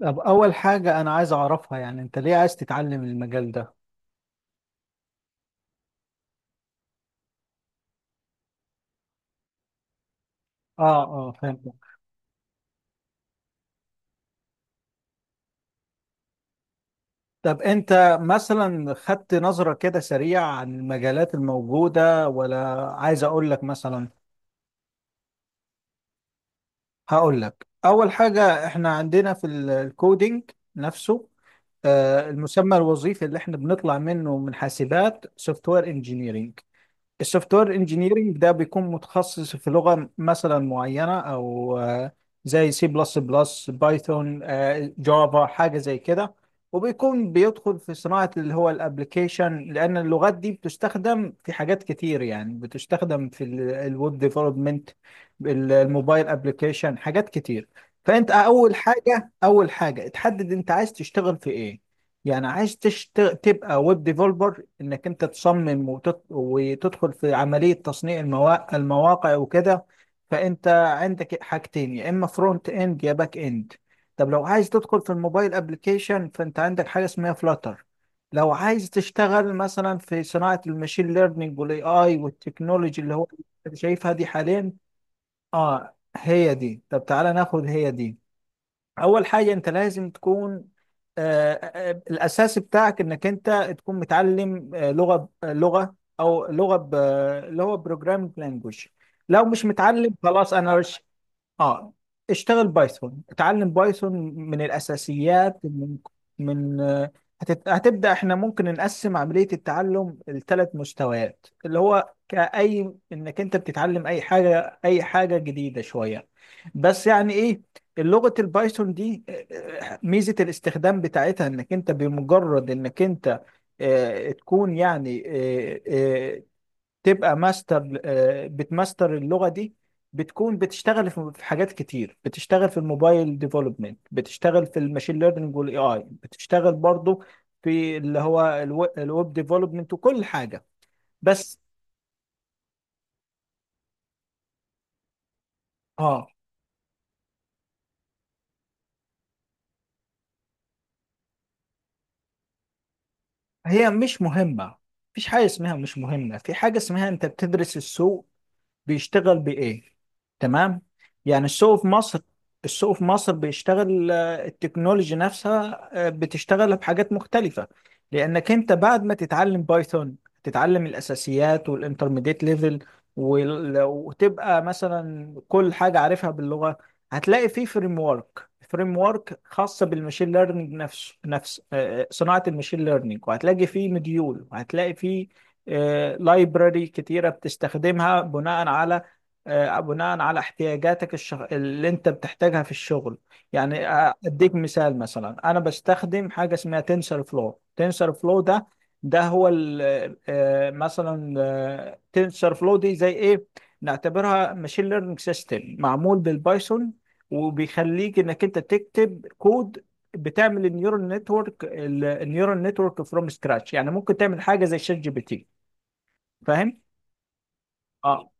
طب أول حاجة أنا عايز أعرفها، يعني أنت ليه عايز تتعلم المجال ده؟ آه، آه، فهمت. طب أنت مثلا خدت نظرة كده سريعة عن المجالات الموجودة ولا عايز أقول لك مثلا؟ هقول لك أول حاجة، إحنا عندنا في الكودينج نفسه. المسمى الوظيفي اللي إحنا بنطلع منه من حاسبات سوفت وير انجينيرنج. السوفت وير انجينيرنج ده بيكون متخصص في لغة مثلا معينة او زي سي بلس بلس بايثون، جافا، حاجة زي كده، وبيكون بيدخل في صناعة اللي هو الابليكيشن، لان اللغات دي بتستخدم في حاجات كتير، يعني بتستخدم في الويب ديفلوبمنت، الموبايل ابليكيشن، حاجات كتير. فانت اول حاجة تحدد انت عايز تشتغل في ايه، يعني عايز تبقى ويب ديفلوبر، انك انت تصمم وتدخل في عملية تصنيع المواقع وكده. فانت عندك حاجتين، يا اما فرونت اند يا باك اند. طب لو عايز تدخل في الموبايل ابلكيشن، فانت عندك حاجة اسمها فلاتر. لو عايز تشتغل مثلا في صناعة الماشين ليرنينج والاي اي والتكنولوجي اللي هو شايفها دي حاليا. اه، هي دي، طب تعالى ناخد هي دي. اول حاجه انت لازم تكون الاساس بتاعك انك انت تكون متعلم لغه، او لغه اللي هو بروجرامينج لانجوج. لو مش متعلم خلاص انا رش. اه، اشتغل بايثون، اتعلم بايثون من الاساسيات، من آه، هتبدا. احنا ممكن نقسم عمليه التعلم لثلاث مستويات، اللي هو كاي انك انت بتتعلم اي حاجه، جديده شويه. بس، يعني ايه لغه البايثون دي؟ ميزه الاستخدام بتاعتها، انك انت بمجرد انك انت تكون يعني، آه، آه، تبقى ماستر آه، بتماستر اللغة دي، بتكون بتشتغل في حاجات كتير، بتشتغل في الموبايل ديفلوبمنت، بتشتغل في الماشين ليرنينج والاي اي، بتشتغل برضو في اللي هو الويب ديفلوبمنت وكل حاجة، بس. اه، هي مش مهمة؟ مفيش حاجة اسمها مش مهمة، في حاجة اسمها انت بتدرس السوق بيشتغل بايه، تمام. يعني السوق في مصر بيشتغل، التكنولوجي نفسها بتشتغل بحاجات مختلفة. لأنك أنت بعد ما تتعلم بايثون، تتعلم الأساسيات والانترميديت ليفل، وتبقى مثلا كل حاجة عارفها باللغة، هتلاقي في فريم ورك، فريم ورك خاصة بالماشين ليرنينج نفسه، نفس آه، آه، صناعة الماشين ليرنينج، وهتلاقي فيه مديول، وهتلاقي فيه لايبراري كتيرة، بتستخدمها بناء على، احتياجاتك، اللي انت بتحتاجها في الشغل. يعني اديك مثال، مثلا انا بستخدم حاجة اسمها تنسر فلو ده، ده هو ال... آه، مثلا تنسر فلو دي زي ايه؟ نعتبرها ماشين ليرنينج سيستم معمول بالبايثون، وبيخليك انك انت تكتب كود، بتعمل النيورال نتورك فروم سكراتش، يعني ممكن تعمل حاجه زي شات جي بي تي، فاهم؟ اه،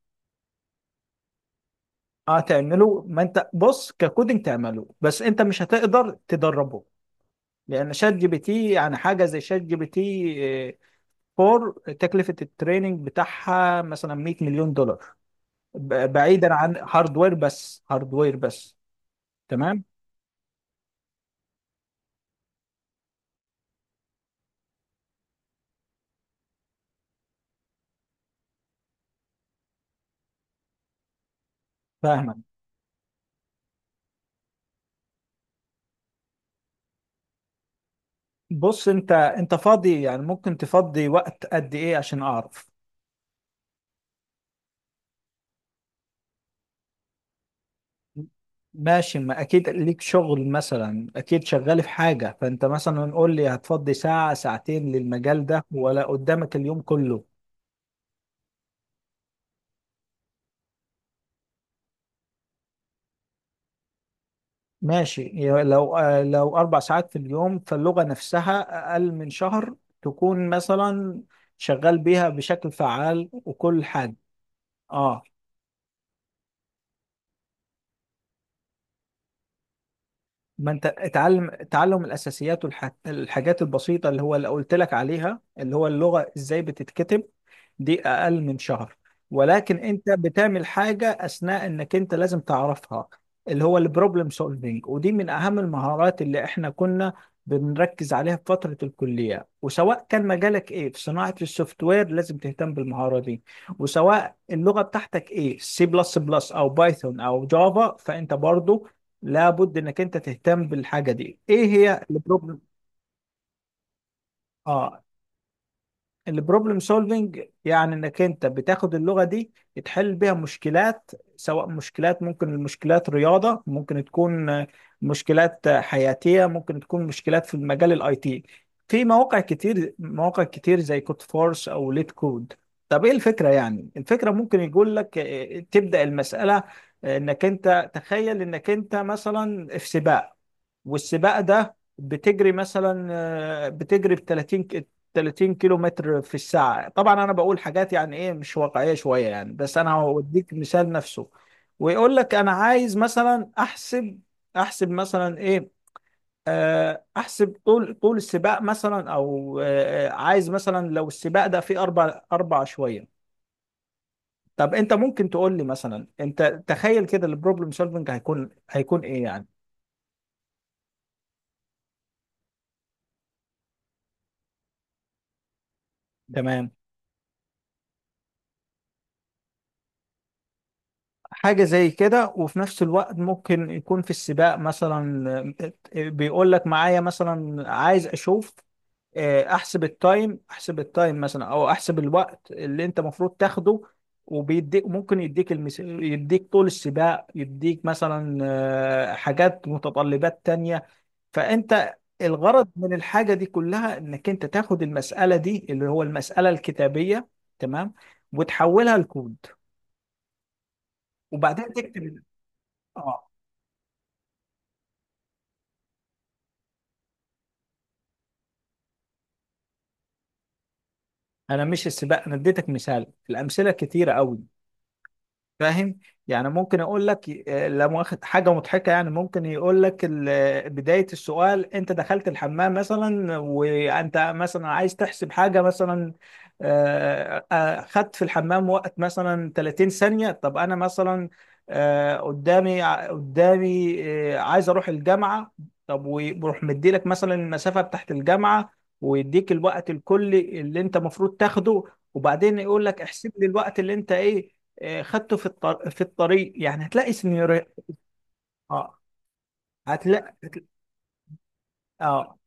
اه، تعمله، ما انت بص ككودنج تعمله، بس انت مش هتقدر تدربه، لان شات جي بي تي، يعني حاجه زي شات جي بي تي 4، تكلفه التريننج بتاعها مثلا 100 مليون دولار، بعيدا عن هاردوير بس، هاردوير بس. تمام، فاهمك. بص، انت فاضي يعني، ممكن تفضي وقت قد ايه عشان اعرف؟ ماشي، ما اكيد ليك شغل، مثلا اكيد شغال في حاجة، فانت مثلا قول لي، هتفضي ساعة ساعتين للمجال ده ولا قدامك اليوم كله؟ ماشي، لو 4 ساعات في اليوم، فاللغة نفسها اقل من شهر، تكون مثلا شغال بيها بشكل فعال وكل حاجة. اه، ما انت اتعلم، تعلم الاساسيات والحاجات البسيطة اللي هو اللي قلت لك عليها، اللي هو اللغة ازاي بتتكتب، دي اقل من شهر. ولكن انت بتعمل حاجه اثناء، انك انت لازم تعرفها، اللي هو البروبلم سولفينج، ودي من اهم المهارات اللي احنا كنا بنركز عليها في فتره الكليه، وسواء كان مجالك ايه في صناعه السوفت وير، لازم تهتم بالمهاره دي، وسواء اللغه بتاعتك ايه، سي بلس بلس او بايثون او جافا، فانت برضو لابد انك انت تهتم بالحاجه دي. ايه هي البروبلم؟ اه، البروبلم سولفنج يعني انك انت بتاخد اللغه دي، تحل بيها مشكلات، سواء مشكلات، ممكن المشكلات رياضه، ممكن تكون مشكلات حياتيه، ممكن تكون مشكلات في المجال الاي تي، في مواقع كتير زي كود فورس او ليت كود. طب ايه الفكره؟ يعني الفكره، ممكن يقول لك تبدا المساله، انك انت تخيل انك انت مثلا في سباق، والسباق ده بتجري مثلا، آه، بتجري ب 30 كيلو متر في الساعة، طبعا انا بقول حاجات يعني ايه، مش واقعية شوية يعني، بس انا هوديك مثال نفسه. ويقول لك انا عايز مثلا احسب، احسب مثلا ايه؟ احسب طول السباق مثلا، او عايز مثلا لو السباق ده فيه اربع اربع شوية. طب انت ممكن تقول لي مثلا، انت تخيل كده البروبلم سولفنج هيكون، ايه يعني؟ تمام، حاجة زي كده، وفي نفس الوقت ممكن يكون في السباق مثلا، بيقول لك معايا مثلا عايز اشوف، احسب التايم مثلا، او احسب الوقت اللي انت المفروض تاخده، وبيديك، ممكن يديك يديك طول السباق، يديك مثلا حاجات متطلبات تانية. فانت الغرض من الحاجة دي كلها، انك انت تاخد المسألة دي اللي هو المسألة الكتابية، تمام، وتحولها لكود، وبعدين تكتب. اه، انا مش السباق، انا اديتك مثال، الامثله كتيره قوي، فاهم؟ يعني ممكن يقول لك لا مؤاخذة حاجة مضحكة، يعني ممكن يقول لك بداية السؤال انت دخلت الحمام مثلا، وانت مثلا عايز تحسب حاجة، مثلا خدت في الحمام وقت مثلا 30 ثانية. طب انا مثلا قدامي عايز اروح الجامعة، طب ويروح مديلك مثلا المسافة بتاعت الجامعة، ويديك الوقت الكلي اللي انت المفروض تاخده، وبعدين يقول لك احسب لي الوقت اللي انت ايه خدته في الطريق، يعني هتلاقي سيناريو. اه، هتلاقي اه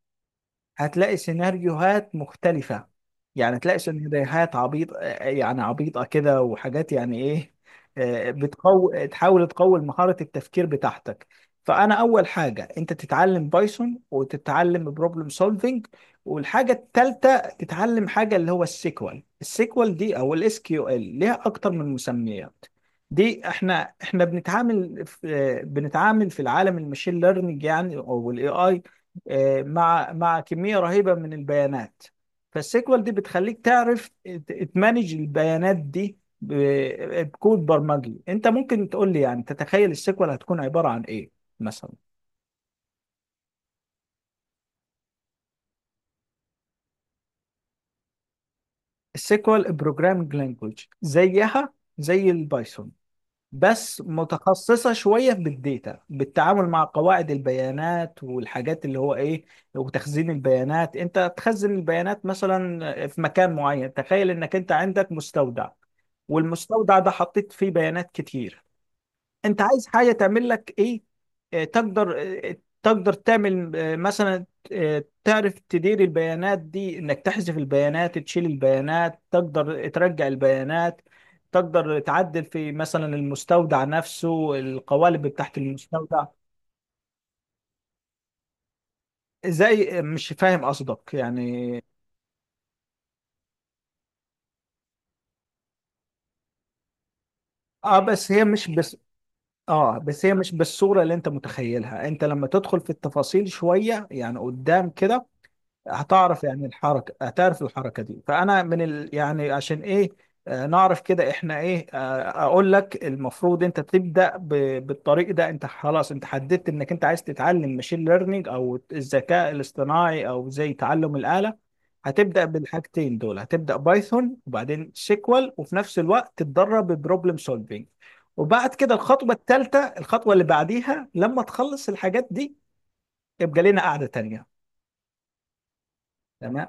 هتلاقي سيناريوهات مختلفة، يعني تلاقي سيناريوهات عبيط، يعني عبيطة كده وحاجات، يعني ايه، آه، بتقو تحاول تقوي مهارة التفكير بتاعتك. فأنا أول حاجة، أنت تتعلم بايثون وتتعلم بروبلم سولفينج، والحاجة التالتة تتعلم حاجة اللي هو السيكوال دي أو الاس كيو ال، ليها أكتر من مسميات. دي احنا بنتعامل في العالم المشين ليرنينج، يعني او الاي اي، مع كمية رهيبة من البيانات. فالسيكوال دي بتخليك تعرف تمانج البيانات دي بكود برمجي. انت ممكن تقول لي، يعني تتخيل السيكوال هتكون عبارة عن ايه مثلا؟ السيكوال بروجرامنج لانجوج زيها زي البايثون، بس متخصصة شوية بالديتا، بالتعامل مع قواعد البيانات والحاجات، اللي هو ايه، وتخزين البيانات. انت تخزن البيانات مثلا في مكان معين، تخيل انك انت عندك مستودع، والمستودع ده حطيت فيه بيانات كتير، انت عايز حاجه تعمل لك ايه؟ آه، تقدر آه، تقدر تعمل، آه، مثلا آه، تعرف تدير البيانات دي، انك تحذف البيانات، تشيل البيانات، تقدر ترجع البيانات، تقدر تعدل في مثلا المستودع نفسه، القوالب بتاعت المستودع. زي، مش فاهم قصدك يعني. اه بس هي مش بس اه بس هي مش بالصورة اللي انت متخيلها، انت لما تدخل في التفاصيل شوية، يعني قدام كده، هتعرف يعني الحركة، هتعرف الحركة دي. فأنا من يعني عشان إيه، نعرف كده إحنا إيه، أقول لك المفروض أنت تبدأ بالطريق ده. أنت خلاص أنت حددت إنك أنت عايز تتعلم ماشين ليرنينج أو الذكاء الاصطناعي أو زي تعلم الآلة، هتبدأ بالحاجتين دول، هتبدأ بايثون وبعدين سيكوال، وفي نفس الوقت تتدرب ببروبلم سولفينج. وبعد كده الخطوة الثالثة، الخطوة اللي بعديها لما تخلص الحاجات دي، يبقى لنا قعدة تانية. تمام.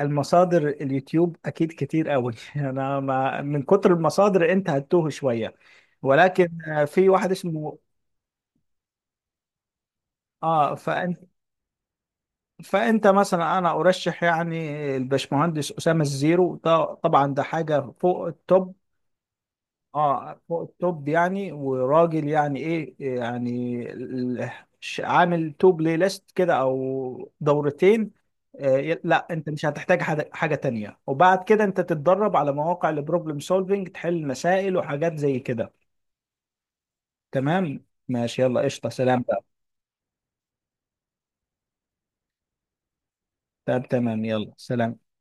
المصادر اليوتيوب اكيد كتير قوي انا ما من كتر المصادر انت هتتوه شويه، ولكن في واحد اسمه، اه، فانت مثلا انا ارشح يعني الباشمهندس اسامه الزيرو ده، طبعا ده حاجه فوق التوب. اه، فوق التوب يعني، وراجل يعني ايه، يعني عامل تو بلاي ليست كده، او دورتين. آه، لا، انت مش هتحتاج حاجة تانية، وبعد كده انت تتدرب على مواقع البروبلم سولفينج، تحل مسائل وحاجات زي كده. تمام، ماشي، يلا قشطة، سلام بقى. تمام تمام، يلا سلام.